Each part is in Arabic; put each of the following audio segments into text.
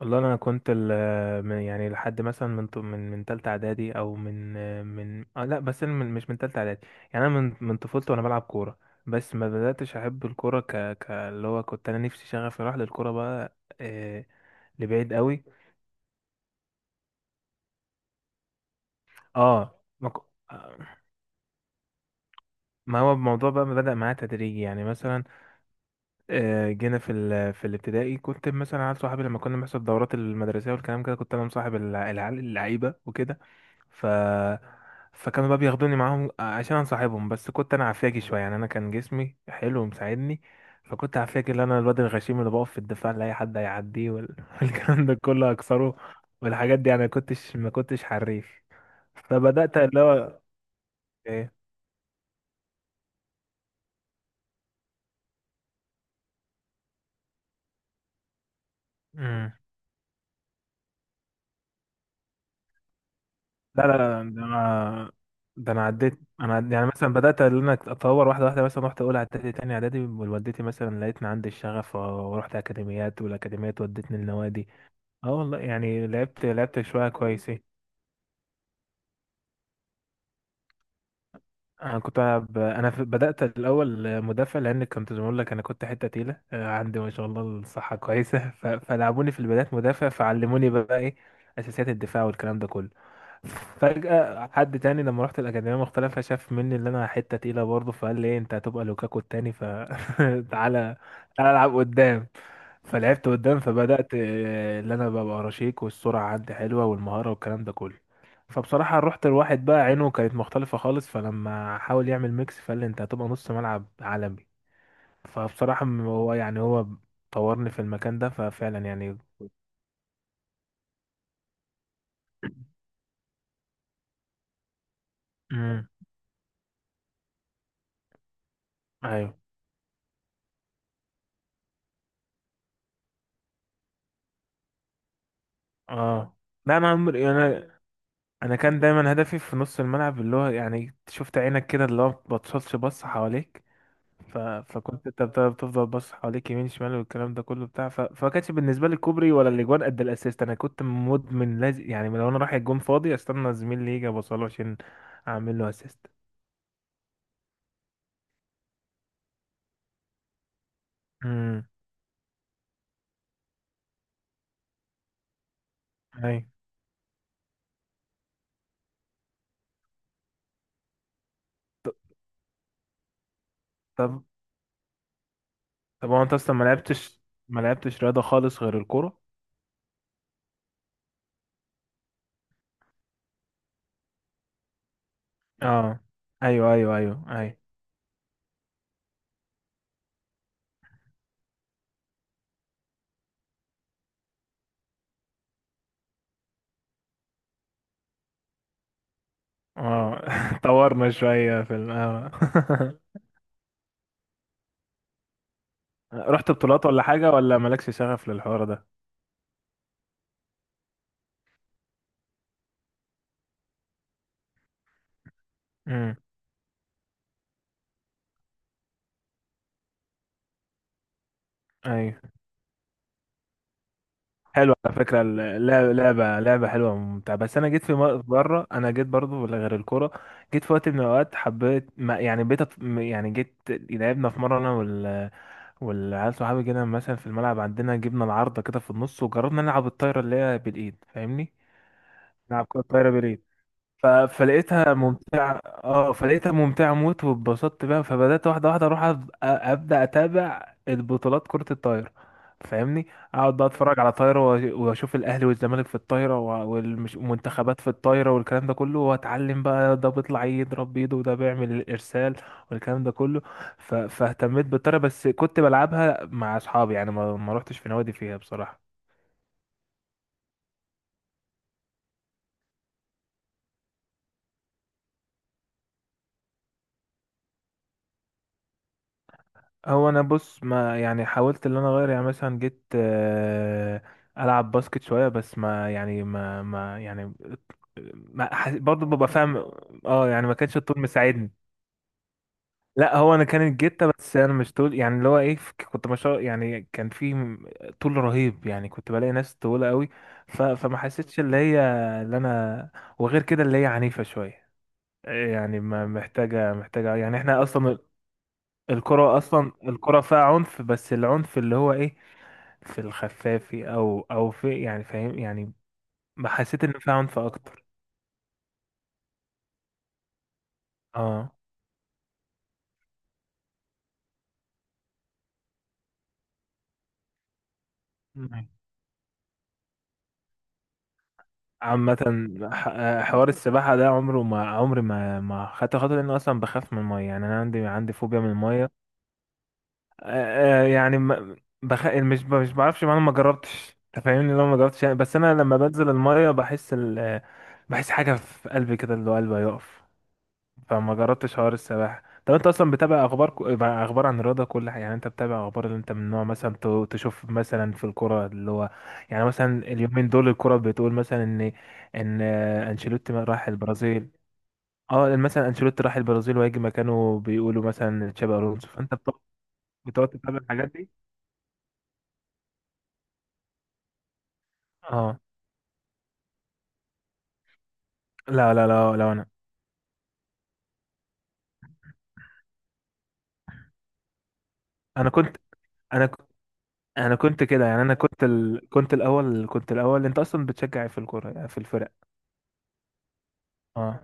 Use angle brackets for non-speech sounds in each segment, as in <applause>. والله، انا كنت يعني لحد مثلا من تالتة اعدادي، او من من آه لا، بس أنا من مش من تالتة اعدادي. يعني انا من طفولتي وانا بلعب كورة، بس ما بدأتش احب الكورة، ك ك اللي هو كنت انا نفسي شغفي راح للكورة بقى، لبعيد قوي. اه ما ك- آه، ما هو الموضوع بقى بدأ معايا تدريجي، يعني مثلا جينا في الابتدائي، كنت مثلا عيال صحابي لما كنا بنحصل الدورات المدرسيه والكلام كده، كنت انا مصاحب العيال اللعيبه وكده. ف فكانوا بقى بياخدوني معاهم، عشان انصاحبهم، بس كنت انا عفاجي شويه، يعني انا كان جسمي حلو ومساعدني. فكنت عفاجي اللي انا الواد الغشيم اللي بقف في الدفاع لاي حد هيعديه <laughs> والكلام ده كله اكسره. والحاجات دي يعني ما كنتش حريف. فبدات اللي هو ايه. لا، لا، لا، ده انا. ده انا يعني مثلا بدات ان انا اتطور واحده واحده. مثلا رحت اولى اعدادي، تاني اعدادي، والدتي مثلا لقيتني عندي الشغف ورحت اكاديميات، والاكاديميات ودتني النوادي. اه، والله يعني لعبت، لعبت شويه كويسين. انا كنت ألعب انا بدات الاول مدافع، لان كنت زي ما بقول لك انا كنت حته تقيله، عندي ما شاء الله الصحه كويسه. <laughs> فلعبوني في البدايات مدافع، فعلموني بقى ايه اساسيات الدفاع والكلام ده كله. فجأة حد تاني لما رحت الأكاديمية المختلفة شاف مني اللي أنا حتة تقيلة برضه، فقال لي إيه، أنت هتبقى لوكاكو التاني، فتعالى، <laughs> تعالى، تعالى، ألعب قدام. فلعبت قدام، فبدأت اللي أنا ببقى رشيق والسرعة عندي حلوة والمهارة والكلام ده كله. فبصراحة رحت، الواحد بقى عينه كانت مختلفة خالص، فلما حاول يعمل ميكس فقال لي أنت هتبقى نص ملعب عالمي. فبصراحة هو يعني هو طورني في المكان ده، ففعلا يعني. امم. أيوه. اه. لا، انا عمري انا، انا كان دايما هدفي في نص الملعب، اللي هو يعني شفت عينك كده اللي هو ما بتبصش بص حواليك. فكنت انت بتفضل بص حواليك، يمين، شمال، والكلام ده كله بتاع. فما كانش بالنسبه لي كوبري ولا الاجوان قد الاسيست. انا كنت مدمن، لازم يعني لو انا رايح الجون فاضي استنى زميلي يجي ابصله عشان اعمل له اسيست. امم. اي. طب. طب هو انت اصلا ما لعبتش، ما لعبتش رياضه خالص غير الكوره. اه. ايوه اي اه. <laughs> طورنا شويه اه. <laughs> رحت بطولات ولا حاجة، ولا مالكش شغف للحوار ده؟ امم. ايوه. حلوة على فكرة اللعبة، لعبة لعبة حلوة وممتعة، بس أنا جيت مرة، أنا جيت برضو ولا غير الكورة. جيت في وقت من الأوقات حبيت، ما يعني بقيت يعني جيت لعبنا في مرة، أنا والعيال صحابي كده مثلا في الملعب عندنا، جبنا العارضة كده في النص وجربنا نلعب الطايرة اللي هي بالإيد فاهمني؟ نلعب كرة طايرة بالإيد. فلقيتها ممتعة، اه، فلقيتها ممتعة موت واتبسطت بيها، فبدأت واحدة واحدة اروح ابدأ اتابع البطولات كرة الطايرة، فاهمني. اقعد بقى اتفرج على طايرة واشوف الاهلي والزمالك في الطايرة و والمنتخبات في الطايرة والكلام ده كله، واتعلم بقى ده بيطلع يضرب بايده وده بيعمل الارسال والكلام ده كله. فاهتميت بالطايرة، بس كنت بلعبها مع اصحابي، يعني ما روحتش في نوادي فيها بصراحة. هو انا بص، ما يعني حاولت ان انا اغير، يعني مثلا جيت العب باسكت شويه، بس ما يعني ما يعني ما حس... برضه ببقى فاهم. اه، يعني ما كانش الطول مساعدني. لا، هو انا كانت جيتة، بس انا مش طول، يعني اللي هو ايه. كنت ما شاء، يعني كان طول رهيب، يعني كنت بلاقي ناس طويله قوي. فما حسيتش اللي هي اللي انا. وغير كده اللي هي عنيفه شويه، يعني ما محتاجه يعني احنا اصلا. الكرة أصلا الكرة فيها عنف، بس العنف اللي هو إيه، في الخفافي أو في، يعني فاهم يعني. حسيت إن فيها عنف أكتر. أه. مم. عامة. حوار السباحة ده عمره، ما عمري ما خدت خطوة، لأن أصلا بخاف من المية، يعني أنا عندي فوبيا من المية. يعني بخ... مش ب- مش بعرفش، ما أنا ما جربتش، أنت فاهمني لو ما جربتش يعني، بس أنا لما بنزل المية بحس ال... آه، بحس حاجة في قلبي كده اللي هو قلبي هيقف. فما جربتش حوار السباحة. طب انت اصلا بتابع اخبار مع اخبار عن الرياضة كلها، يعني انت بتابع اخبار، اللي انت من نوع مثلا تشوف مثلا في الكرة اللي هو، يعني مثلا اليومين دول الكرة بتقول مثلا ان انشيلوتي راح البرازيل. اه مثلا انشيلوتي راح البرازيل وهيجي مكانه بيقولوا مثلا تشابي الونسو، فانت بتقعد تتابع الحاجات دي؟ اه. لا انا، انا كنت انا ك- انا كنت كده يعني، انا كنت كنت الاول، كنت الاول انت اصلا بتشجع إيه في الكرة، يعني في الفرق. اه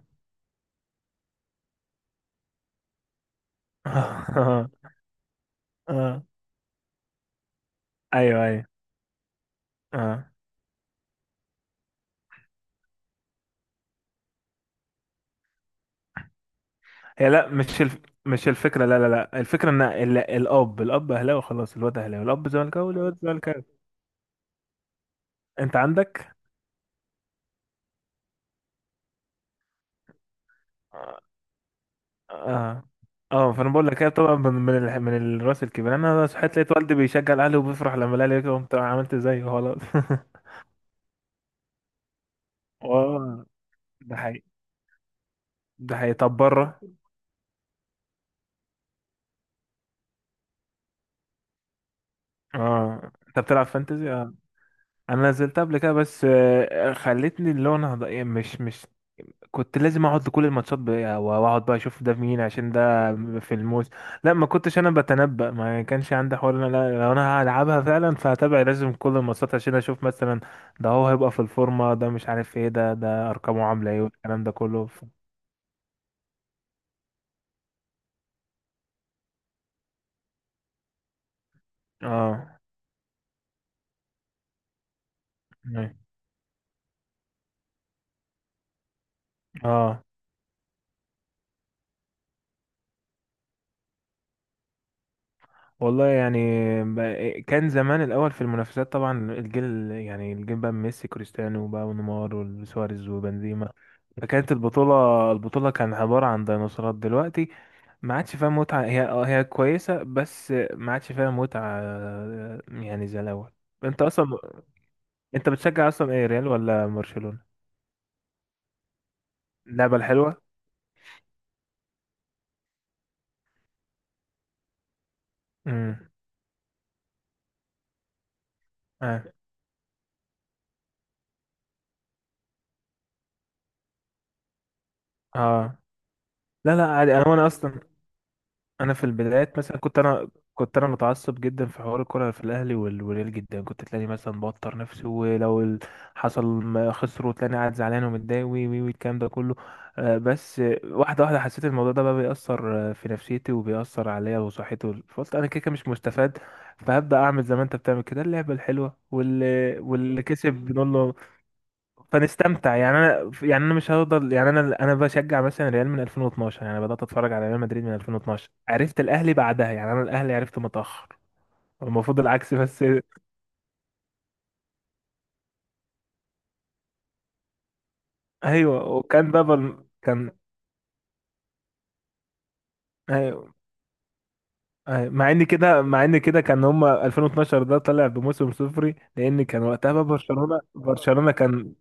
<laughs> اه. ايوه، ايوه. اه. هي لا، مش الفكره، لا، لا، لا، الفكره ان الاب اهلاوي خلاص الواد اهلاوي، الاب زملكاوي الواد زملكاوي. انت عندك. اه. اه. فانا بقول لك هي طبعا من من الراس الكبير، انا صحيت لقيت والدي بيشجع الاهلي وبيفرح لما الاهلي يكسب، قمت عملت زيه خلاص. <laughs> اه. ده حقيقي. ده حقيقي. طب بره. اه. انت بتلعب فانتزي؟ اه. انا نزلت قبل كده، بس خلتني اللي هو انا مش كنت لازم اقعد لكل الماتشات بقى واقعد بقى اشوف ده مين عشان ده في الموس. لا، ما كنتش انا بتنبأ، ما كانش عندي حوار إن انا، لا، لو انا هلعبها فعلا فهتابع لازم كل الماتشات عشان اشوف مثلا ده هو هيبقى في الفورمة، ده مش عارف ايه، ده ارقامه عاملة ايه، والكلام ده كله. اه. اه. والله يعني، كان زمان الاول في المنافسات طبعا، الجيل يعني الجيل بقى ميسي كريستيانو بقى ونيمار وسواريز وبنزيما، فكانت البطولة، البطولة كان عبارة عن ديناصورات. دلوقتي ما عادش فيها متعة، هي اه هي كويسة، بس ما عادش فيها متعة، يعني زي الأول. انت اصلا، انت بتشجع اصلا ايه، ريال ولا برشلونة؟ اللعبة الحلوة. امم. اه. اه. لا لا عادي، انا، وانا اصلا، انا في البدايات مثلا كنت انا، كنت انا متعصب جدا في حوار الكره، في الاهلي والريال جدا، كنت تلاقيني مثلا بوتر نفسي ولو حصل ما خسروا تلاقيني قاعد زعلان ومتضايق وي وي والكلام ده كله. بس واحده واحده حسيت الموضوع ده بقى بيأثر في نفسيتي وبيأثر عليا وصحتي فقلت انا كده كده مش مستفاد، فهبدأ اعمل زي ما انت بتعمل كده، اللعبه الحلوه واللي كسب بنقول له، فنستمتع. يعني انا، يعني انا مش هفضل، يعني انا بشجع مثلا ريال من 2012، يعني بدات اتفرج على ريال مدريد من 2012، عرفت الاهلي بعدها، يعني انا الاهلي عرفته متاخر. المفروض العكس بس. <laughs> ايوه وكان بقى كان. أيوة. أيوة. مع ان كده، مع ان كده كان هم 2012 ده طلع بموسم صفري، لان كان وقتها بقى برشلونه، برشلونه كان،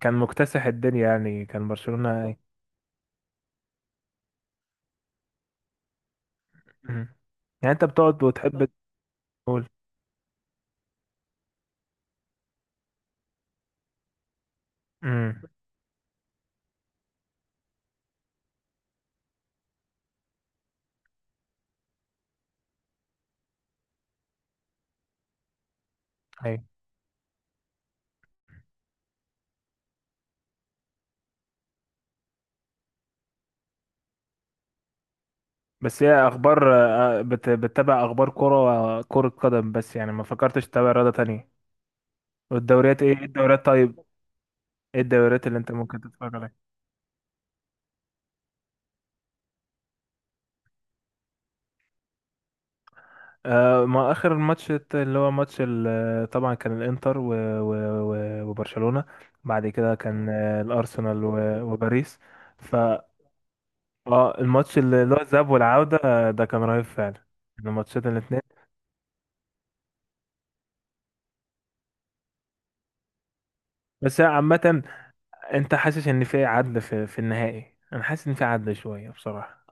كان مكتسح الدنيا، يعني كان برشلونه. مم. يعني انت بتقعد وتحب تقول. امم. بس هي اخبار، بتتابع اخبار كرة، كرة قدم بس، يعني ما فكرتش تتابع رياضة تانية؟ والدوريات ايه، إيه الدوريات طيب، ايه الدوريات اللي انت ممكن تتفرج عليها؟ آه، ما اخر ماتش اللي هو ماتش طبعا كان الانتر و و وبرشلونة، بعد كده كان الارسنال وباريس. ف اه الماتش اللي اللي هو الذهاب والعودة، ده كان رهيب فعلا. الماتشات الاتنين، بس عامة، انت حاسس ان في عدل في النهائي؟ انا حاسس ان في عدل شوية بصراحة.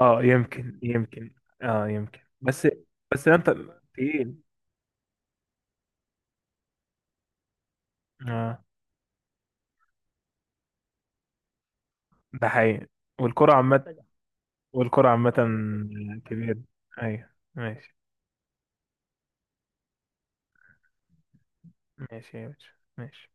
اه يمكن، يمكن. اه يمكن. بس. بس انت تقيل. اه. ده حقيقي. والكرة عامة. والكرة عامة كبيرة. ايوه. ماشي. ماشي يا باشا. ماشي.